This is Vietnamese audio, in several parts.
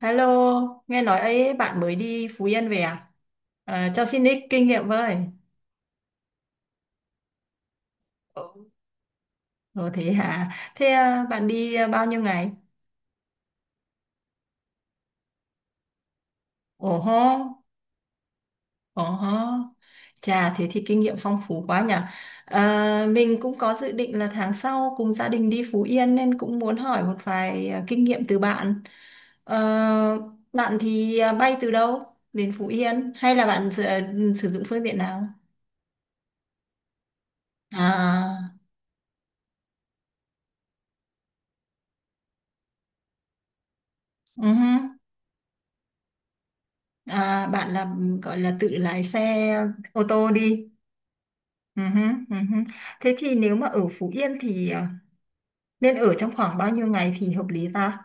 Hello, nghe nói ấy bạn mới đi Phú Yên về à? À, cho xin ít kinh nghiệm với. Ừ. Ồ thế hả? Thế à, bạn đi à, bao nhiêu ngày? Ồ hô, ồ hô. Chà, thế thì kinh nghiệm phong phú quá nhỉ. À, mình cũng có dự định là tháng sau cùng gia đình đi Phú Yên nên cũng muốn hỏi một vài kinh nghiệm từ bạn. Ờ, bạn thì bay từ đâu đến Phú Yên? Hay là bạn sử dụng phương tiện nào? À, uh À, bạn là gọi là tự lái xe ô tô đi. Ừ hứ, ừ hứ. Thế thì nếu mà ở Phú Yên thì nên ở trong khoảng bao nhiêu ngày thì hợp lý ta?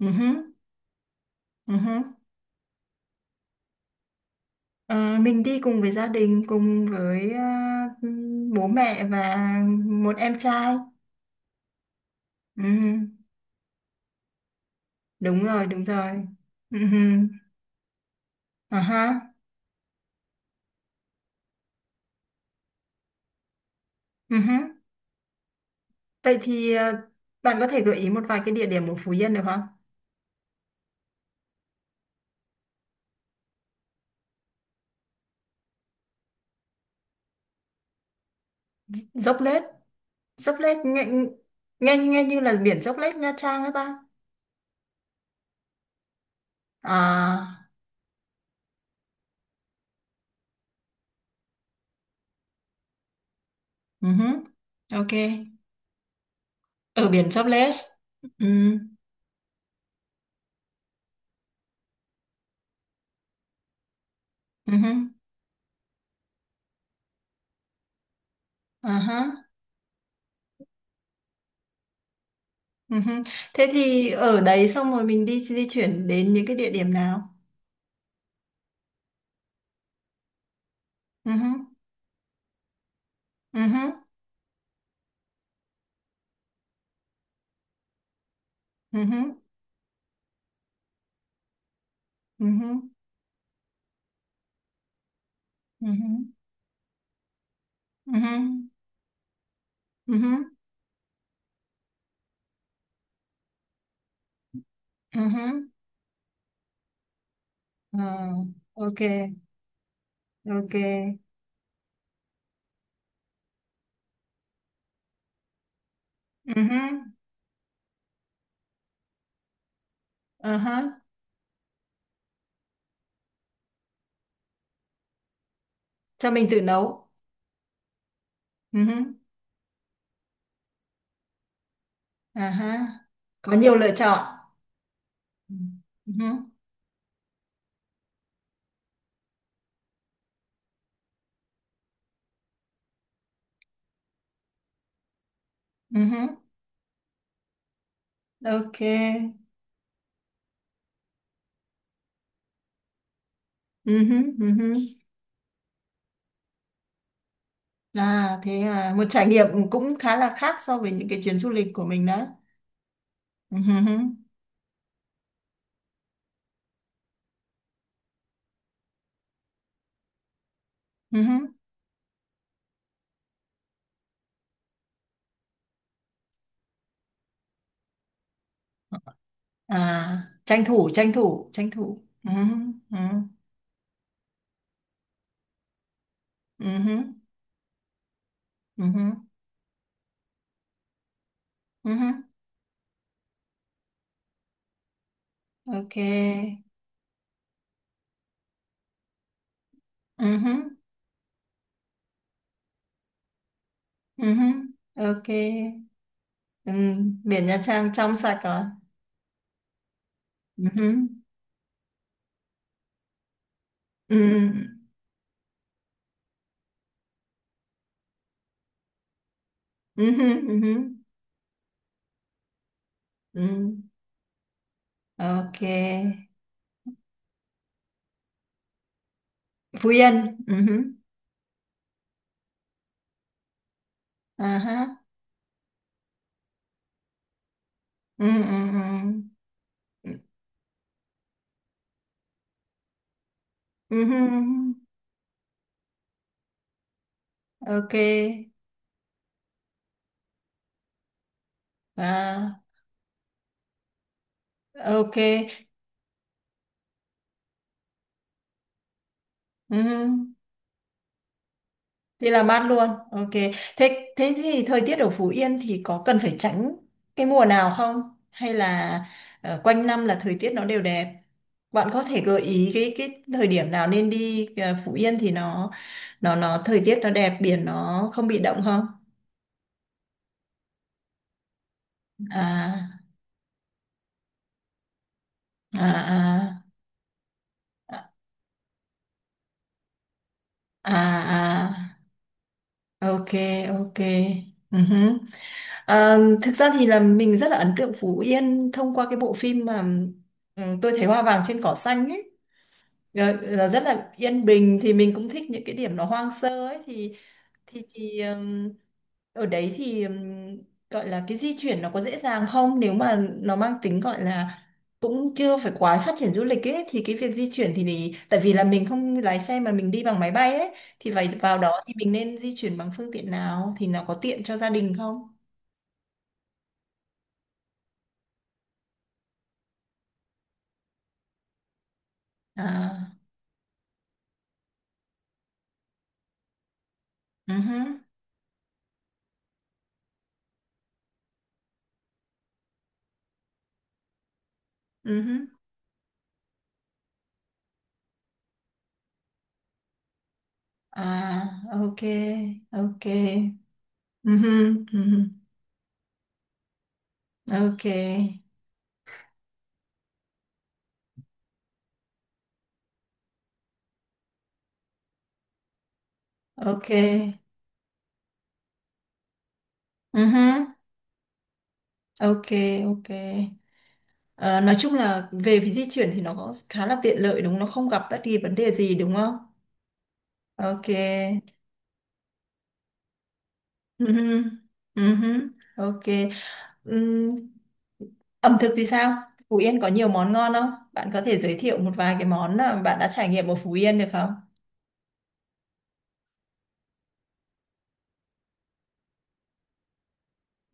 Ừ hứ, ừ hứ. Ờ, mình đi cùng với gia đình, cùng với bố mẹ và một em trai. Ừ hứ. Đúng rồi, đúng rồi. Ừ hứ. À ha. Ừ hứ. Vậy thì bạn có thể gợi ý một vài cái địa điểm ở Phú Yên được không? Dốc Lết, Dốc Lết nghe, nghe như là biển Dốc Lết Nha Trang ấy ta. À. Ừ hứ, ok. Ở biển Dốc Lết. Ừ. Ừ hứ, à hả, ừ. Thế thì ở đấy xong rồi mình đi di chuyển đến những cái địa điểm nào? Ừ hứ, ừ hứ, ừ hứ, ừ hứ, ừ hứ, ừ hứ, ừ hứ, ừ hứ. Ờ, ok, ok. Ừ hứ, ờ hả. Cho mình tự nấu. Ừ hứ. À ha, có nhiều lựa chọn. Ừ. Ừ. Ừ. Ok. Ừ. Ừ. À thế à, một trải nghiệm cũng khá là khác so với những cái chuyến du lịch của mình đó. Ừ. Ừ. À, tranh thủ, tranh thủ, tranh thủ. Ừ. Ừ. Ừ. Ừ. Ừ. Ok. Ừ. Ừ. Ok. Ừ. Biển Nha Trang trong sạch rồi. Ừ. Ừ. Ừ. Ừ. Ừ. Ừ. Ok. Phú Yên. Ừ hứ. À ha. Ừ, ừ, ừ. Ừ. Ừ hứ. Ok. À, ok. Ừ hứ. Thì làm mát luôn. Ok. Thế thế thì thời tiết ở Phú Yên thì có cần phải tránh cái mùa nào không? Hay là quanh năm là thời tiết nó đều đẹp? Bạn có thể gợi ý cái thời điểm nào nên đi Phú Yên thì nó thời tiết nó đẹp, biển nó không bị động không? À, à, à, à, à, ok, ok. uh Thực ra thì là mình rất là ấn tượng Phú Yên thông qua cái bộ phim mà Tôi thấy hoa vàng trên cỏ xanh ấy. Ờ, là rất là yên bình thì mình cũng thích những cái điểm nó hoang sơ ấy thì thì thì ừm, ở đấy thì gọi là cái di chuyển nó có dễ dàng không nếu mà nó mang tính gọi là cũng chưa phải quá phát triển du lịch ấy thì cái việc di chuyển thì tại vì là mình không lái xe mà mình đi bằng máy bay ấy thì phải vào đó thì mình nên di chuyển bằng phương tiện nào thì nó có tiện cho gia đình không? À, ừ hứ, ừ hứ. À, ok, ok. Ừ hứ, ừ hứ, ok. Ok, uh ok, ok. Ờ, nói chung là về phía di chuyển thì nó có khá là tiện lợi đúng không? Nó không gặp bất kỳ vấn đề gì đúng không? Ok. uh Ok. Ừm, ẩm thực thì sao? Phú Yên có nhiều món ngon không? Bạn có thể giới thiệu một vài cái món mà bạn đã trải nghiệm ở Phú Yên được không?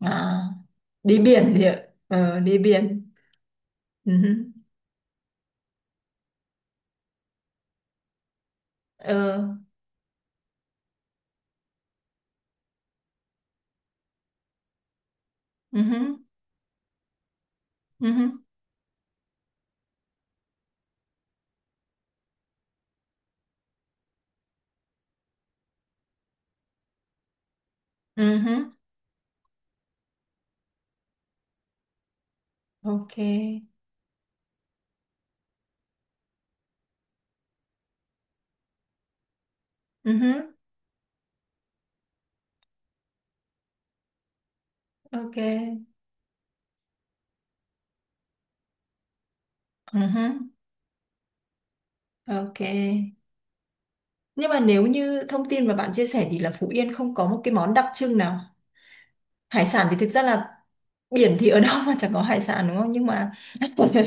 À, đi biển thì ạ. Ờ, đi biển. uh Ờ, uh-huh. Uh-huh. Uh-huh. Ok. uh Ok. Ừ hứ, ok. Nhưng mà nếu như thông tin mà bạn chia sẻ thì là Phú Yên không có một cái món đặc trưng nào. Hải sản thì thực ra là biển thì ở đâu mà chẳng có hải sản đúng không? Nhưng mà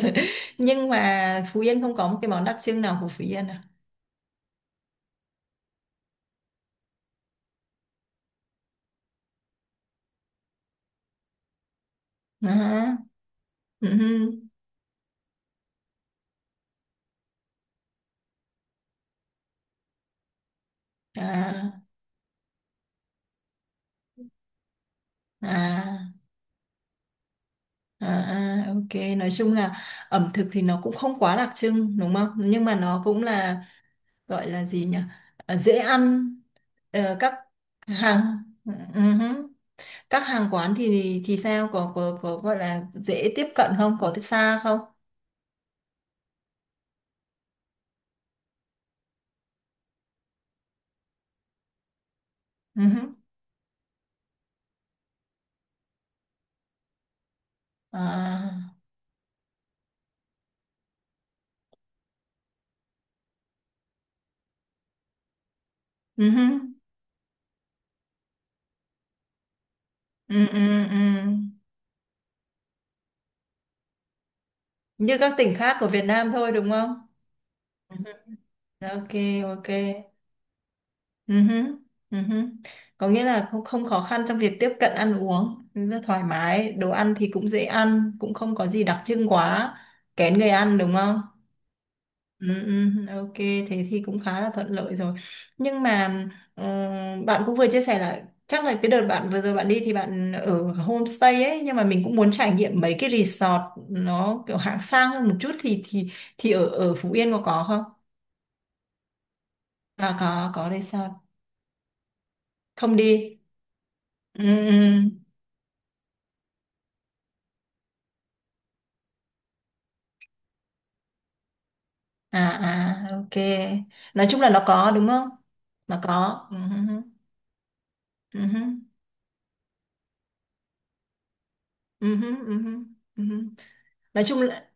nhưng mà Phú Yên không có một cái món đặc trưng nào của Phú Yên à. À, ừ hứ, à, à, à, à, ok. Nói chung là ẩm thực thì nó cũng không quá đặc trưng đúng không? Nhưng mà nó cũng là gọi là gì nhỉ? Ờ, dễ ăn, các hàng. Ừ hứ. Các hàng quán thì sao, có gọi là dễ tiếp cận không, có xa không? Ừ hứ. À, ừ hứ. Ừ, ừ, ừ, như các tỉnh khác của Việt Nam thôi đúng không? Ừ hứ. Ok, ok. Ừ hứ. Ừ hứ. Có nghĩa là không không khó khăn trong việc tiếp cận, ăn uống rất thoải mái, đồ ăn thì cũng dễ ăn, cũng không có gì đặc trưng quá kén người ăn đúng không? Ừ, ừ, ok, thế thì cũng khá là thuận lợi rồi, nhưng mà ờ, bạn cũng vừa chia sẻ là chắc là cái đợt bạn vừa rồi bạn đi thì bạn ở homestay ấy, nhưng mà mình cũng muốn trải nghiệm mấy cái resort nó kiểu hạng sang hơn một chút thì ở ở Phú Yên có không? À, có resort. Không đi. Ừ, ừ. À, à, ok, nói chung là nó có đúng không? Nó có. Ừ, ừ, ừ, ừ, ừ, ừ, ừ, ừ. Nói chung là.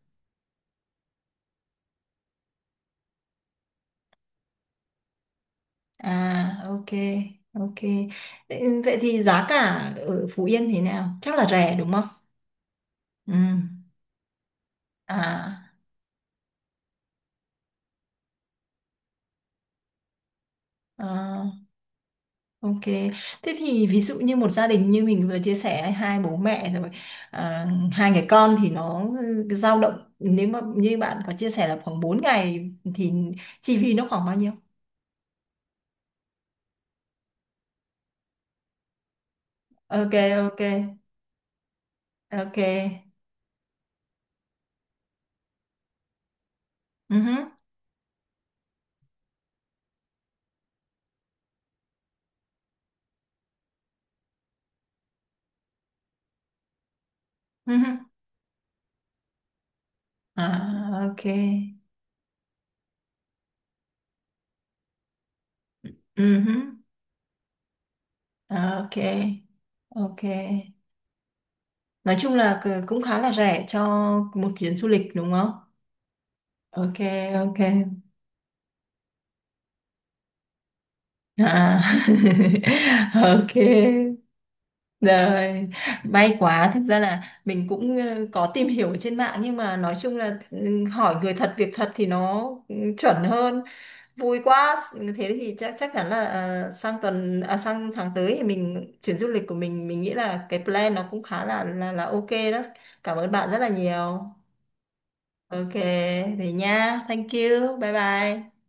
À, ok, ok. Vậy thì giá cả ở Phú Yên thế nào? Chắc là rẻ đúng không? Ừ. À, à, ok. Thế thì ví dụ như một gia đình như mình vừa chia sẻ hai bố mẹ rồi, à, hai người con thì nó dao động, nếu mà như bạn có chia sẻ là khoảng 4 ngày thì chi phí nó khoảng bao nhiêu? Ok, ok, ok. Ừ hứ, ừ hứ. À, ok, ừ hứ. À, ok, ok. Nói chung là cũng khá là rẻ cho một chuyến du lịch đúng không? Ok, ok. À. Ok. Rồi, may quá. Thực ra là mình cũng có tìm hiểu ở trên mạng nhưng mà nói chung là hỏi người thật việc thật thì nó chuẩn hơn. Vui quá. Thế thì chắc chắc chắn là sang tháng tới thì mình chuyến du lịch của mình nghĩ là cái plan nó cũng khá là ok đó. Cảm ơn bạn rất là nhiều. Ok, thì nha. Thank you. Bye bye.